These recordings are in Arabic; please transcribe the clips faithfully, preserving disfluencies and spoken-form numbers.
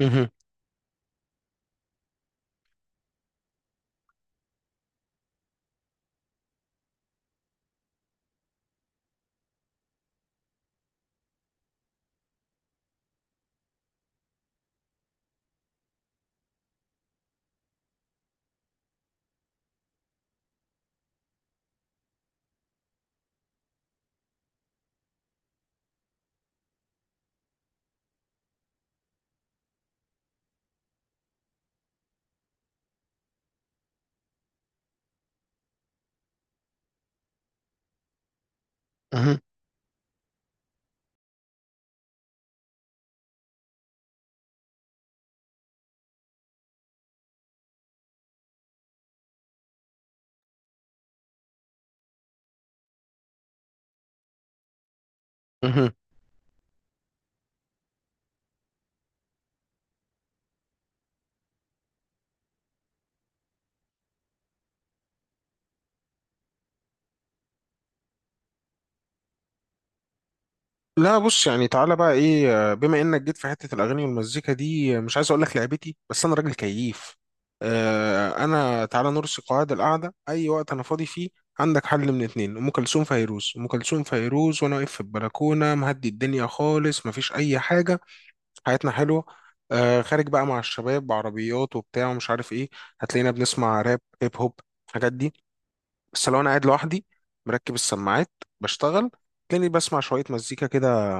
مهم. مهم. مهم. لا بص، يعني تعالى بقى ايه، آه، بما انك جيت في حته الاغاني والمزيكا دي، آه، مش عايز اقول لك لعبتي، بس انا راجل كييف. آه، انا تعالى نرسي قواعد القعده. اي وقت انا فاضي فيه عندك حل من اتنين: ام كلثوم، فيروز. ام كلثوم، فيروز، وانا واقف في البلكونه مهدي الدنيا خالص، مفيش اي حاجه، حياتنا حلوه. آه، خارج بقى مع الشباب بعربيات وبتاع ومش عارف ايه، هتلاقينا بنسمع راب، هيب هوب، الحاجات دي. بس لو انا قاعد لوحدي، مركب السماعات، بشتغل، تلاقيني بسمع شوية مزيكا كده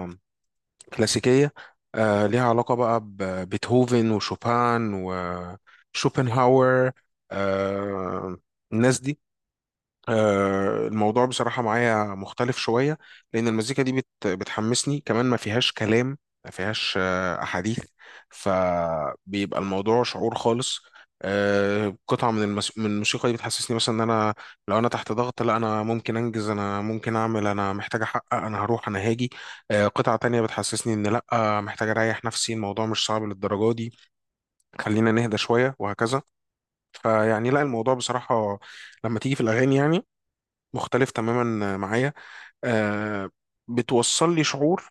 كلاسيكية. آه، ليها علاقة بقى ببيتهوفن وشوبان وشوبنهاور، آه، الناس دي. آه، الموضوع بصراحة معايا مختلف شوية، لأن المزيكا دي بت بتحمسني، كمان ما فيهاش كلام، ما فيهاش آه، أحاديث، فبيبقى الموضوع شعور خالص. آه، قطعة من المس... من الموسيقى دي بتحسسني مثلا إن أنا، لو أنا تحت ضغط، لا أنا ممكن أنجز، أنا ممكن أعمل، أنا محتاج أحقق، أنا هروح، أنا هاجي. آه، قطعة تانية بتحسسني إن لا، آه، محتاج أريح نفسي، الموضوع مش صعب للدرجة دي، خلينا نهدى شوية، وهكذا. فيعني لا، الموضوع بصراحة لما تيجي في الأغاني يعني مختلف تماما معايا. آه، بتوصل لي شعور،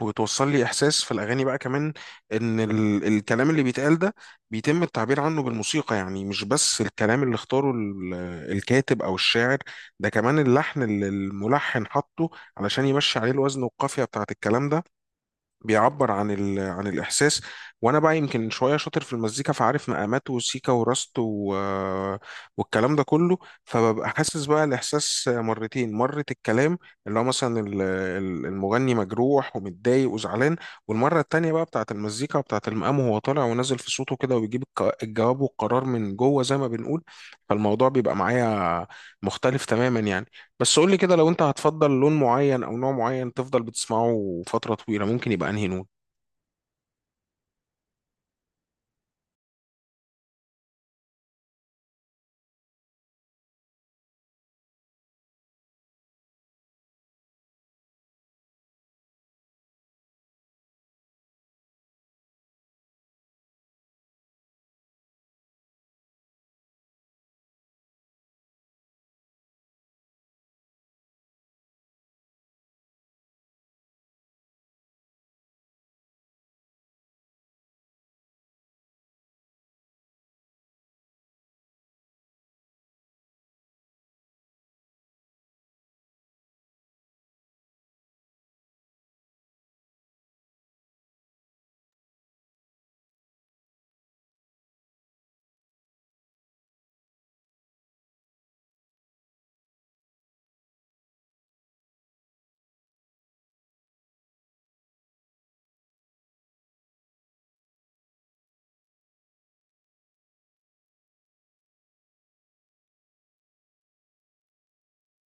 وبتوصل لي احساس في الاغاني بقى، كمان ان ال الكلام اللي بيتقال ده بيتم التعبير عنه بالموسيقى، يعني مش بس الكلام اللي اختاره ال- الكاتب او الشاعر، ده كمان اللحن اللي الملحن حطه علشان يمشي عليه الوزن والقافية بتاعت الكلام ده، بيعبر عن ال... عن الإحساس. وأنا بقى يمكن شوية شاطر في المزيكا، فعارف مقامات وسيكا وراست و... والكلام ده كله، فببقى حاسس بقى الإحساس مرتين: مرة الكلام، اللي هو مثلا ال- ال- المغني مجروح ومتضايق وزعلان، والمرة التانية بقى بتاعة المزيكا وبتاعة المقام، وهو طالع ونازل في صوته كده وبيجيب الك- الجواب والقرار من جوه زي ما بنقول. فالموضوع بيبقى معايا مختلف تماما يعني. بس قول لي كده، لو انت هتفضل لون معين او نوع معين تفضل بتسمعه فترة طويلة، ممكن يبقى انهي لون؟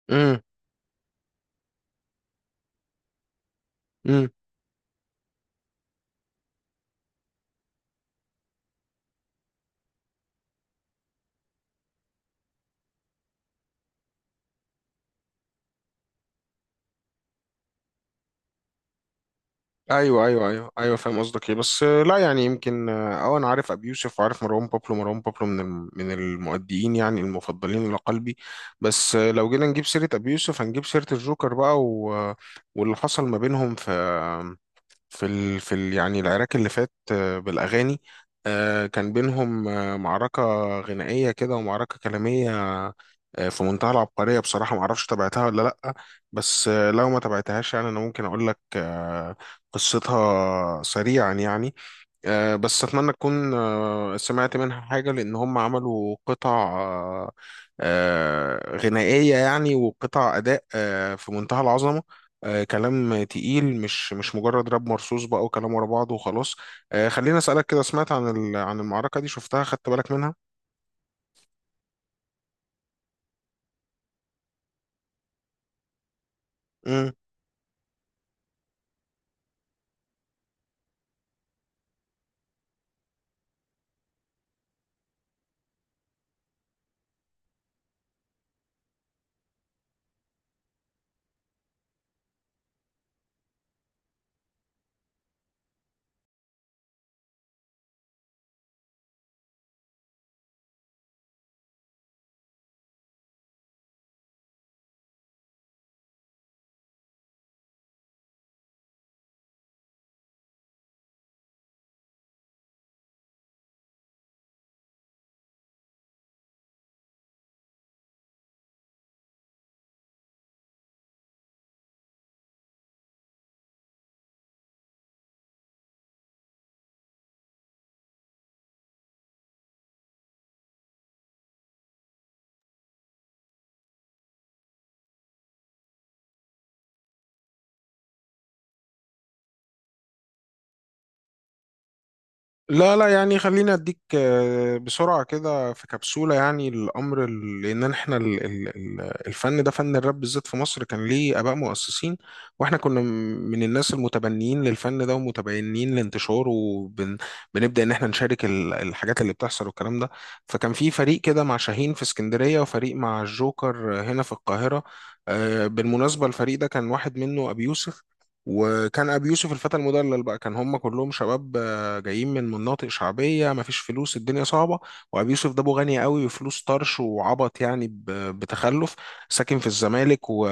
امم امم ايوه ايوه ايوه ايوه، فاهم قصدك ايه، بس آه، لا يعني، يمكن اه آه، انا عارف ابي يوسف، وعارف مروان بابلو. مروان بابلو من الم- من المؤديين يعني المفضلين لقلبي. بس آه، لو جينا نجيب سيرة ابي يوسف، هنجيب سيرة الجوكر بقى و... آه، واللي حصل ما بينهم في في ال... في ال... يعني العراك اللي فات، آه، بالأغاني. آه، كان بينهم آه، معركة غنائية كده، ومعركة كلامية، آه، في منتهى العبقرية. بصراحة معرفش تابعتها ولا لأ، بس آه، لو ما تابعتهاش يعني، أنا ممكن أقول لك آه، قصتها سريعا يعني. آه، بس اتمنى تكون آه، سمعت منها حاجه، لان هم عملوا قطع، آه، آه، غنائيه يعني، وقطع اداء آه، في منتهى العظمه. آه، كلام تقيل، مش مش مجرد راب مرصوص بقى وكلام ورا بعض وخلاص. آه، خليني اسالك كده: سمعت عن ال- عن المعركه دي؟ شفتها؟ خدت بالك منها؟ لا لا يعني، خليني اديك آه، بسرعة كده في كبسولة يعني الامر. ال- لان احنا ال- ال- ال- الفن ده، فن الراب بالذات في مصر، كان ليه اباء مؤسسين، واحنا كنا م- من الناس المتبنيين للفن ده ومتبنيين لانتشاره، وبنبدأ ان احنا نشارك ال- الحاجات اللي بتحصل والكلام ده. فكان في فريق كده مع شاهين في اسكندرية، وفريق مع الجوكر هنا في القاهرة. آه، بالمناسبة الفريق ده كان واحد منه ابي يوسف، وكان ابي يوسف الفتى المدلل بقى. كان هم كلهم شباب جايين من مناطق شعبيه، مفيش فلوس، الدنيا صعبه، وابي يوسف ده ابو غني قوي وفلوس طرش وعبط يعني، ب- بتخلف، ساكن في الزمالك و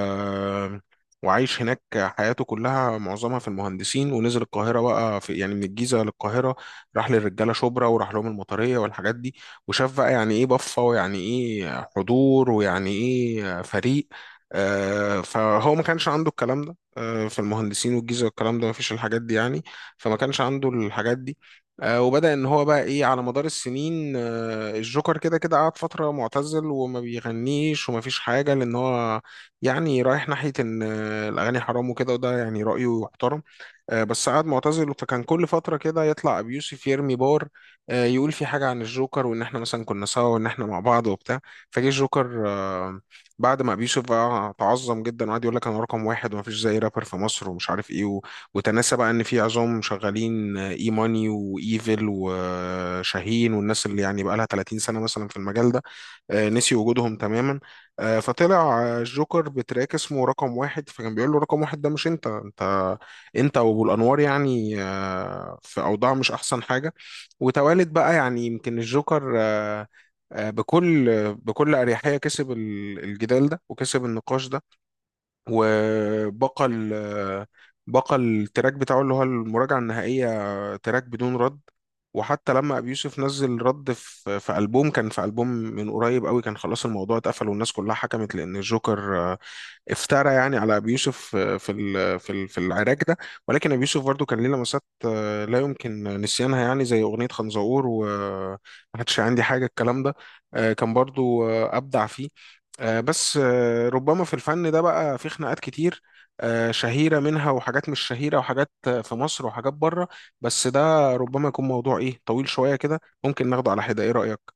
وعايش هناك حياته كلها، معظمها في المهندسين، ونزل القاهرة بقى في يعني، من الجيزة للقاهرة، راح للرجالة شبرا وراح لهم المطرية والحاجات دي، وشاف بقى يعني ايه بفة ويعني ايه حضور ويعني ايه فريق. آه، فهو ما كانش عنده الكلام ده، آه، في المهندسين والجيزة والكلام ده ما فيش الحاجات دي يعني، فما كانش عنده الحاجات دي. آه، وبدأ ان هو بقى ايه على مدار السنين. آه، الجوكر كده كده قعد فترة معتزل وما بيغنيش وما فيش حاجة، لان هو يعني رايح ناحية ان آه، الاغاني حرام وكده، وده يعني رأيه يحترم. آه، بس قعد معتزل، فكان كل فترة كده يطلع أبي يوسف يرمي بار، آه، يقول في حاجة عن الجوكر، وإن إحنا مثلا كنا سوا وإن إحنا مع بعض وبتاع. فجه الجوكر آه، بعد ما أبي يوسف بقى تعظم جدا وقعد يقول لك أنا رقم واحد ومفيش زي رابر في مصر ومش عارف إيه و- وتناسى بقى إن في عظام شغالين، آه، إي ماني وإيفل وشاهين والناس اللي يعني بقى لها 30 سنة مثلا في المجال ده، آه، نسي وجودهم تماما. آه، فطلع آه، الجوكر بتراك اسمه رقم واحد، فكان بيقول له: رقم واحد ده مش انت، انت انت وابو الانوار يعني آه، في اوضاع مش احسن حاجه. وتوالد بقى يعني، يمكن الجوكر آه، آه، بكل بكل اريحيه كسب ال- الجدال ده وكسب النقاش ده، وبقى ال بقى التراك بتاعه اللي هو المراجعة النهائية، تراك بدون رد. وحتى لما أبي يوسف نزل رد في في ألبوم، كان في ألبوم من قريب قوي، كان خلاص الموضوع اتقفل، والناس كلها حكمت لأن الجوكر افترى يعني على ابي يوسف آه، في ال- في ال- في العراك ده. ولكن ابي يوسف برضو كان ليه لمسات آه، لا يمكن نسيانها، يعني زي اغنيه خنزقور، وما حدش عندي حاجه، الكلام ده، آه، كان برضو آه، ابدع فيه. آه، بس آه، ربما في الفن ده بقى في خناقات كتير، آه، شهيره منها وحاجات مش شهيره، وحاجات آه، في مصر وحاجات بره. بس ده ربما يكون موضوع ايه طويل شويه كده، ممكن ناخده على حده. ايه رايك؟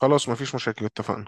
خلاص مفيش مشاكل، اتفقنا.